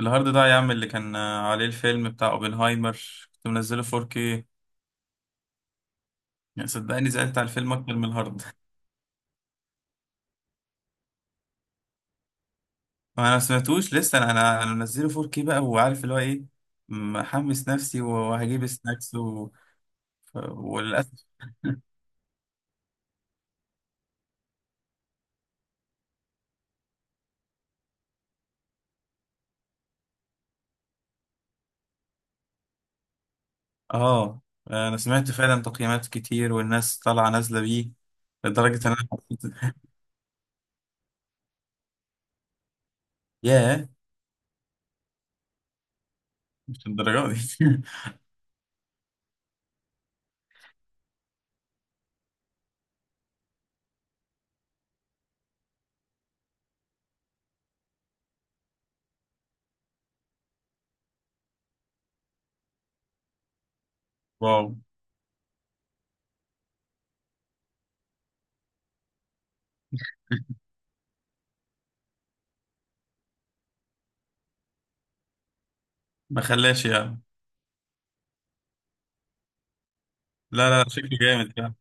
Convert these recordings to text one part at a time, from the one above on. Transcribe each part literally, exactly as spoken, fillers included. الهارد ده يا عم اللي كان آه، عليه الفيلم بتاع اوبنهايمر. كنت منزله فور كيه. يعني صدقني زعلت على الفيلم اكتر من الهارد. ما انا سمعتوش لسه. انا انا أنا منزله فور كيه بقى وعارف اللي هو ايه. محمس نفسي وهجيب سناكس و... ف- وللاسف. اه انا سمعت فعلا تقييمات كتير والناس طالعه نازله بيه، لدرجه ان انا حسيت. ياه، مش الدرجه دي. واو، ما خلاش يعني. لا لا، شكله جامد يعني.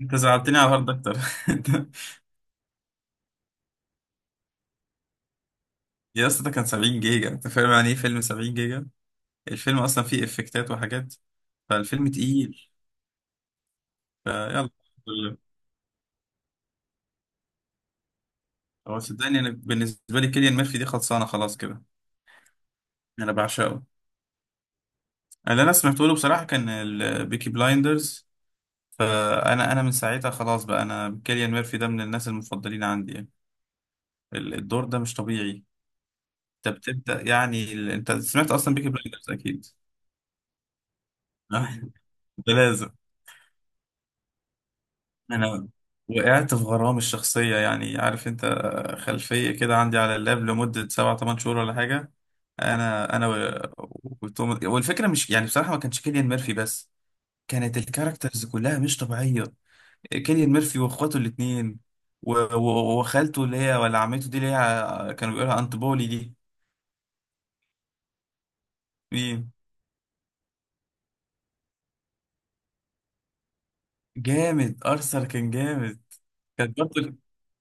انت زعلتني على الهارد اكتر. يا اسطى، ده كان 70 جيجا. انت فاهم يعني ايه فيلم 70 جيجا؟ الفيلم اصلا فيه افكتات وحاجات، فالفيلم تقيل. فيلا. هو صدقني، انا بالنسبه لي كيليان ميرفي دي خلصانه خلاص كده. انا بعشقه. اللي انا سمعته له بصراحه كان البيكي بلايندرز. فانا انا من ساعتها خلاص بقى، انا كيليان ميرفي ده من الناس المفضلين عندي يعني. ال- الدور ده مش طبيعي. انت بتبدا يعني ال... انت سمعت اصلا بيكي بلايندرز اكيد. ده لازم. انا وقعت في غرامي الشخصية، يعني عارف انت، خلفية كده عندي على اللاب لمدة سبعة تمن شهور ولا حاجة. انا انا و- وتوم. والفكرة مش يعني بصراحة ما كانش كيليان ميرفي بس، كانت الكاركترز كلها مش طبيعية. كيليان ميرفي واخواته الاتنين و- و- وخالته، اللي هي ولا عمته دي، اللي هي كانوا بيقولها انت بولي دي. مين؟ جامد، ارثر كان جامد. كانت برضه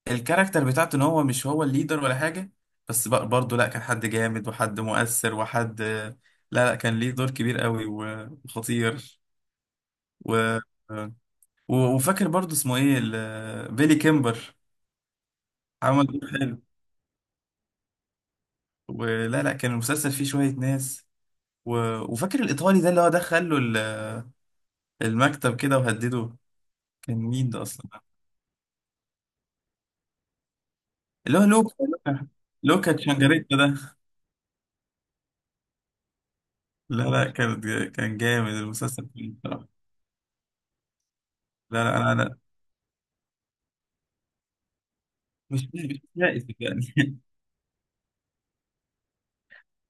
الكاركتر بتاعته ان هو مش هو الليدر ولا حاجه، بس بق- برضه لا، كان حد جامد وحد مؤثر وحد، لا لا، كان ليه دور كبير قوي و- وخطير. و... و... وفاكر برضه اسمه ايه، ال- بيلي كيمبر. عمل دور حلو. ولا لا، كان المسلسل فيه شويه ناس. و... وفاكر الايطالي ده اللي هو دخل له ال- المكتب كده وهدده. كان مين ده اصلا؟ اللي هو لوكا. لوكا لوكا تشانجاريتا ده. لا لا، كان كان جامد المسلسل كله بصراحه. لا لا، انا مش مش يائس يعني.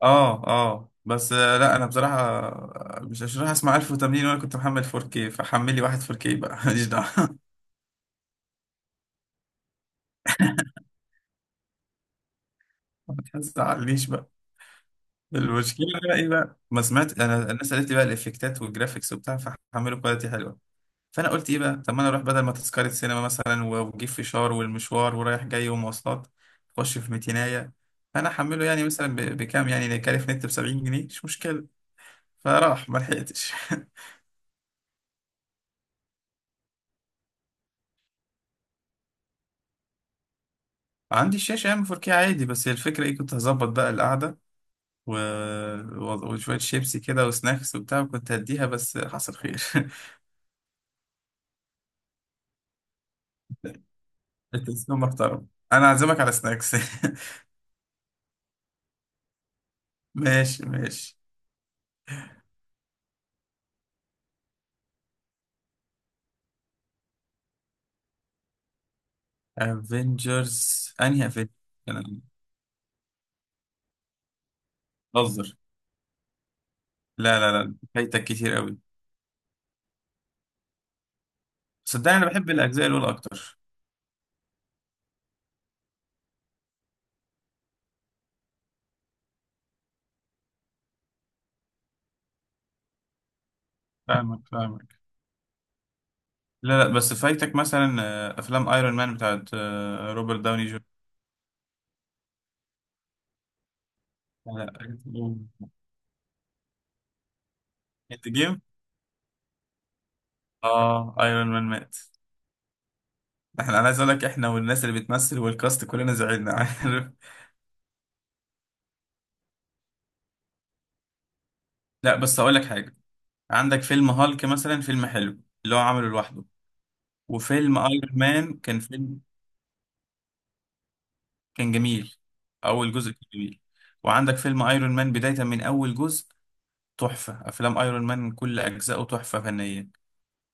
اه اه، بس آه، لا، انا بصراحه آه، مش مش راح اسمع ألف وثمانين وانا كنت محمل فور كيه، فحملي واحد فور كيه بقى. ماليش دعوه. ما تزعلنيش بقى. المشكله بقى ايه بقى، ما سمعت انا الناس قالت لي بقى الافكتات والجرافيكس وبتاع، فحملوا كواليتي حلوه. فانا قلت ايه بقى، طب ما انا اروح بدل ما تذكره سينما مثلا و- واجيب فشار والمشوار ورايح جاي ومواصلات، اخش في ميتينايه. فانا احمله يعني مثلا ب- بكام؟ يعني كارف نت ب سبعين جنيه، مش مشكله. فراح ما لحقتش. عندي الشاشة ام فور كيه عادي، بس هي الفكرة ايه، كنت هظبط بقى القعدة و... و- وشوية شيبسي كده وسناكس وبتاع، وكنت هديها، بس حصل خير. التلفزيون محترم، انا هعزمك على سناكس. ماشي ماشي. افنجرز انهي افنجرز؟ انا بهزر. لا لا لا، فايتك كتير قوي. صدقني انا بحب الاجزاء الاولى اكتر. فاهمك فاهمك. لا لا، بس فايتك مثلا آه، افلام ايرون مان بتاعت آه، روبرت داوني جونيور. لا لا، اند جيم. اه، ايرون مان مات. احنا انا عايز اقول لك، احنا والناس اللي بتمثل والكاست كلنا زعلنا. عارف؟ لا بس اقول لك حاجه. عندك فيلم هالك مثلا، فيلم حلو اللي هو عمله لوحده. وفيلم ايرون مان كان فيلم. كان جميل. اول جزء كان جميل. وعندك فيلم ايرون مان بدايه من اول جزء، تحفه. افلام ايرون مان كل اجزائه تحفه فنيه.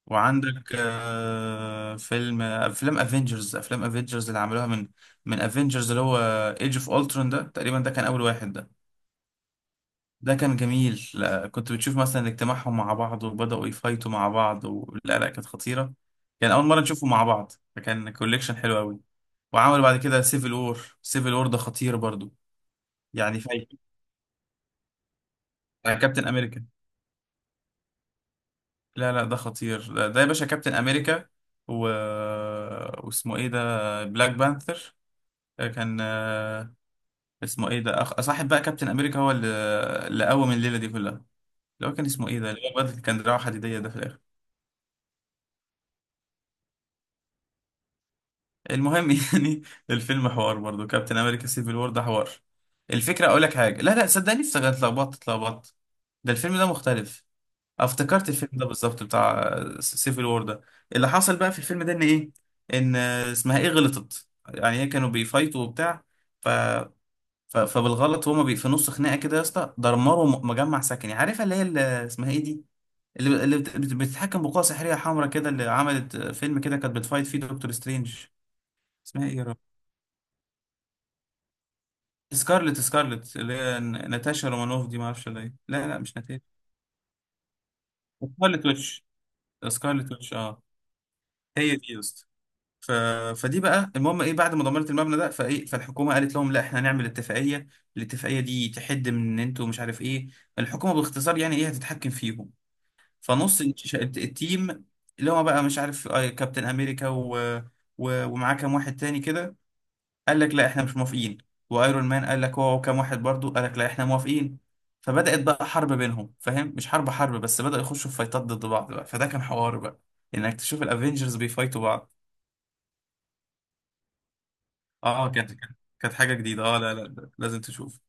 وعندك آه فيلم. افلام افنجرز افلام افنجرز اللي عملوها من، من افنجرز اللي هو ايج اوف الترون، ده تقريبا ده كان اول واحد. ده كان جميل. لا كنت بتشوف مثلا اجتماعهم مع بعض وبدأوا يفايتوا مع بعض و... لا لا، كانت خطيرة يعني، أول مرة نشوفهم مع بعض، فكان كوليكشن حلو أوي. وعملوا بعد كده سيفل وور. سيفل وور ده خطير برضو، يعني فايت بتاع كابتن أمريكا. لا لا، ده خطير ده, ده, يا باشا كابتن أمريكا و... واسمه إيه ده، بلاك بانثر. كان آه، اسمه إيه ده أخ... صاحب بقى كابتن أمريكا هو اللي، اللي قوم الليلة دي كلها، اللي هو كان اسمه إيه ده، اللي هو الواد اللي كان دراعه حديدية ده في الآخر. المهم يعني الفيلم حوار برضه، كابتن امريكا سيفل وور ده حوار. الفكره اقول لك حاجه، لا لا صدقني، افتكرت اتلخبطت اتلخبطت. ده الفيلم ده مختلف. افتكرت الفيلم ده بالظبط بتاع سيفل وور ده. اللي حصل بقى في الفيلم ده ان ايه، ان آه، اسمها ايه، غلطت يعني هي، كانوا بيفايتوا وبتاع، ف... ف... فبالغلط هما بي... في نص خناقه كده يا اسطى دمروا م- مجمع سكني. عارفه اللي هي اللي اسمها ايه دي، اللي, اللي بت... بت- بتتحكم بقوه سحريه حمراء كده، اللي عملت آه، فيلم كده، كانت بتفايت فيه دكتور سترينج. اسمها ايه يا، سكارلت سكارلت اللي هي ن- ناتاشا رومانوف دي، ما اعرفش ولا ايه. لا لا مش ناتاشا، سكارلت ويتش سكارلت ويتش. اه، هي دي يا اسطى. ف... فدي بقى المهم ايه، بعد ما دمرت المبنى ده فايه، فالحكومه قالت لهم لا احنا هنعمل اتفاقيه. الاتفاقيه دي تحد من ان انتوا مش عارف ايه، الحكومه باختصار يعني ايه هتتحكم فيهم. فنص الش- التيم اللي هو بقى مش عارف، آه، كابتن امريكا و... و... ومعاه كام واحد تاني كده، قال لك لا احنا مش موافقين. وايرون مان قال لك هو وكام واحد برضو قال لك لا احنا موافقين. فبدأت بقى حرب بينهم، فاهم؟ مش حرب حرب، بس بدأوا يخشوا في فايتات ضد بعض بقى. فده كان حوار بقى، انك تشوف الافينجرز بيفايتوا بعض. اه آه، كانت كانت كانت حاجة جديدة. اه لا لا لا، لازم تشوف.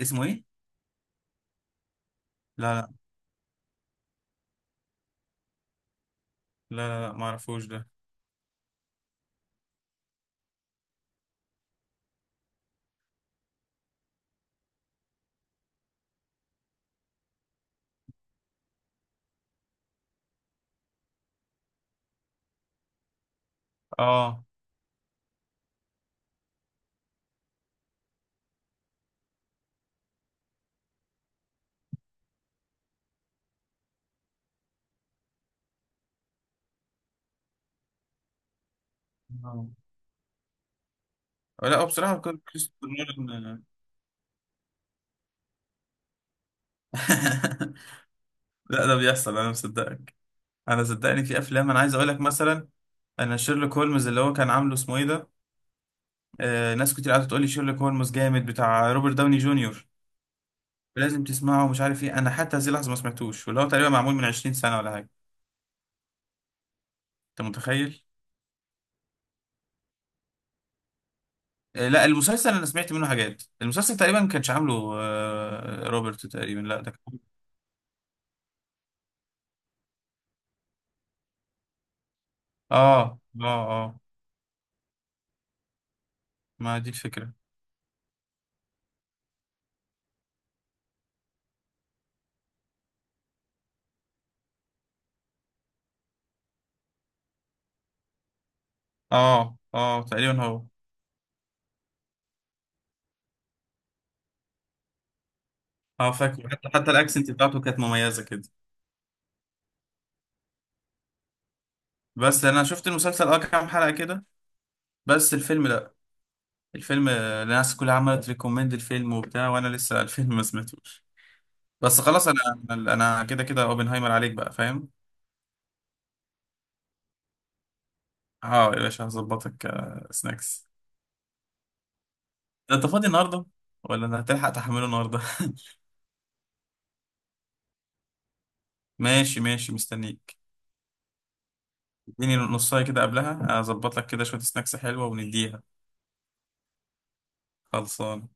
اسمه ايه؟ لا لا لا لا، لا ما اعرفوش ده. اه آه. لا، هو بصراحة كان كريستوفر نولان. لا، ده بيحصل، انا مصدقك. انا صدقني في افلام انا عايز اقول لك مثلا، انا شيرلوك هولمز، اللي هو كان عامله اسمه ايه ده، آه، ناس كتير قاعده تقول لي شيرلوك هولمز جامد بتاع روبرت داوني جونيور، لازم تسمعه ومش عارف ايه. انا حتى هذه اللحظه ما سمعتوش، واللي هو تقريبا معمول من 20 سنه ولا حاجه. انت متخيل؟ آه، لا المسلسل انا سمعت منه حاجات، المسلسل تقريبا ما كانش عامله آه، روبرت تقريبا، لا ده كان. اه اه اه، ما دي الفكره. اه اه تقريبا هو. اه، فاكر، حتى حتى الاكسنت بتاعته كانت مميزه كده. بس انا شفت المسلسل اه، كام حلقه كده، بس الفيلم لا. الفيلم آه، الناس كلها عملت ريكومند الفيلم وبتاع، وانا لسه الفيلم ما سمعتوش. بس خلاص انا، انا كده كده اوبنهايمر عليك بقى فاهم. اه يا باشا، هظبطك آه، سناكس. انت فاضي النهارده، ولا انت هتلحق تحمله النهارده؟ ماشي ماشي، مستنيك. اديني نصايه كده، قبلها اظبط لك كده شويه سناكس حلوه ونديها. خلصان.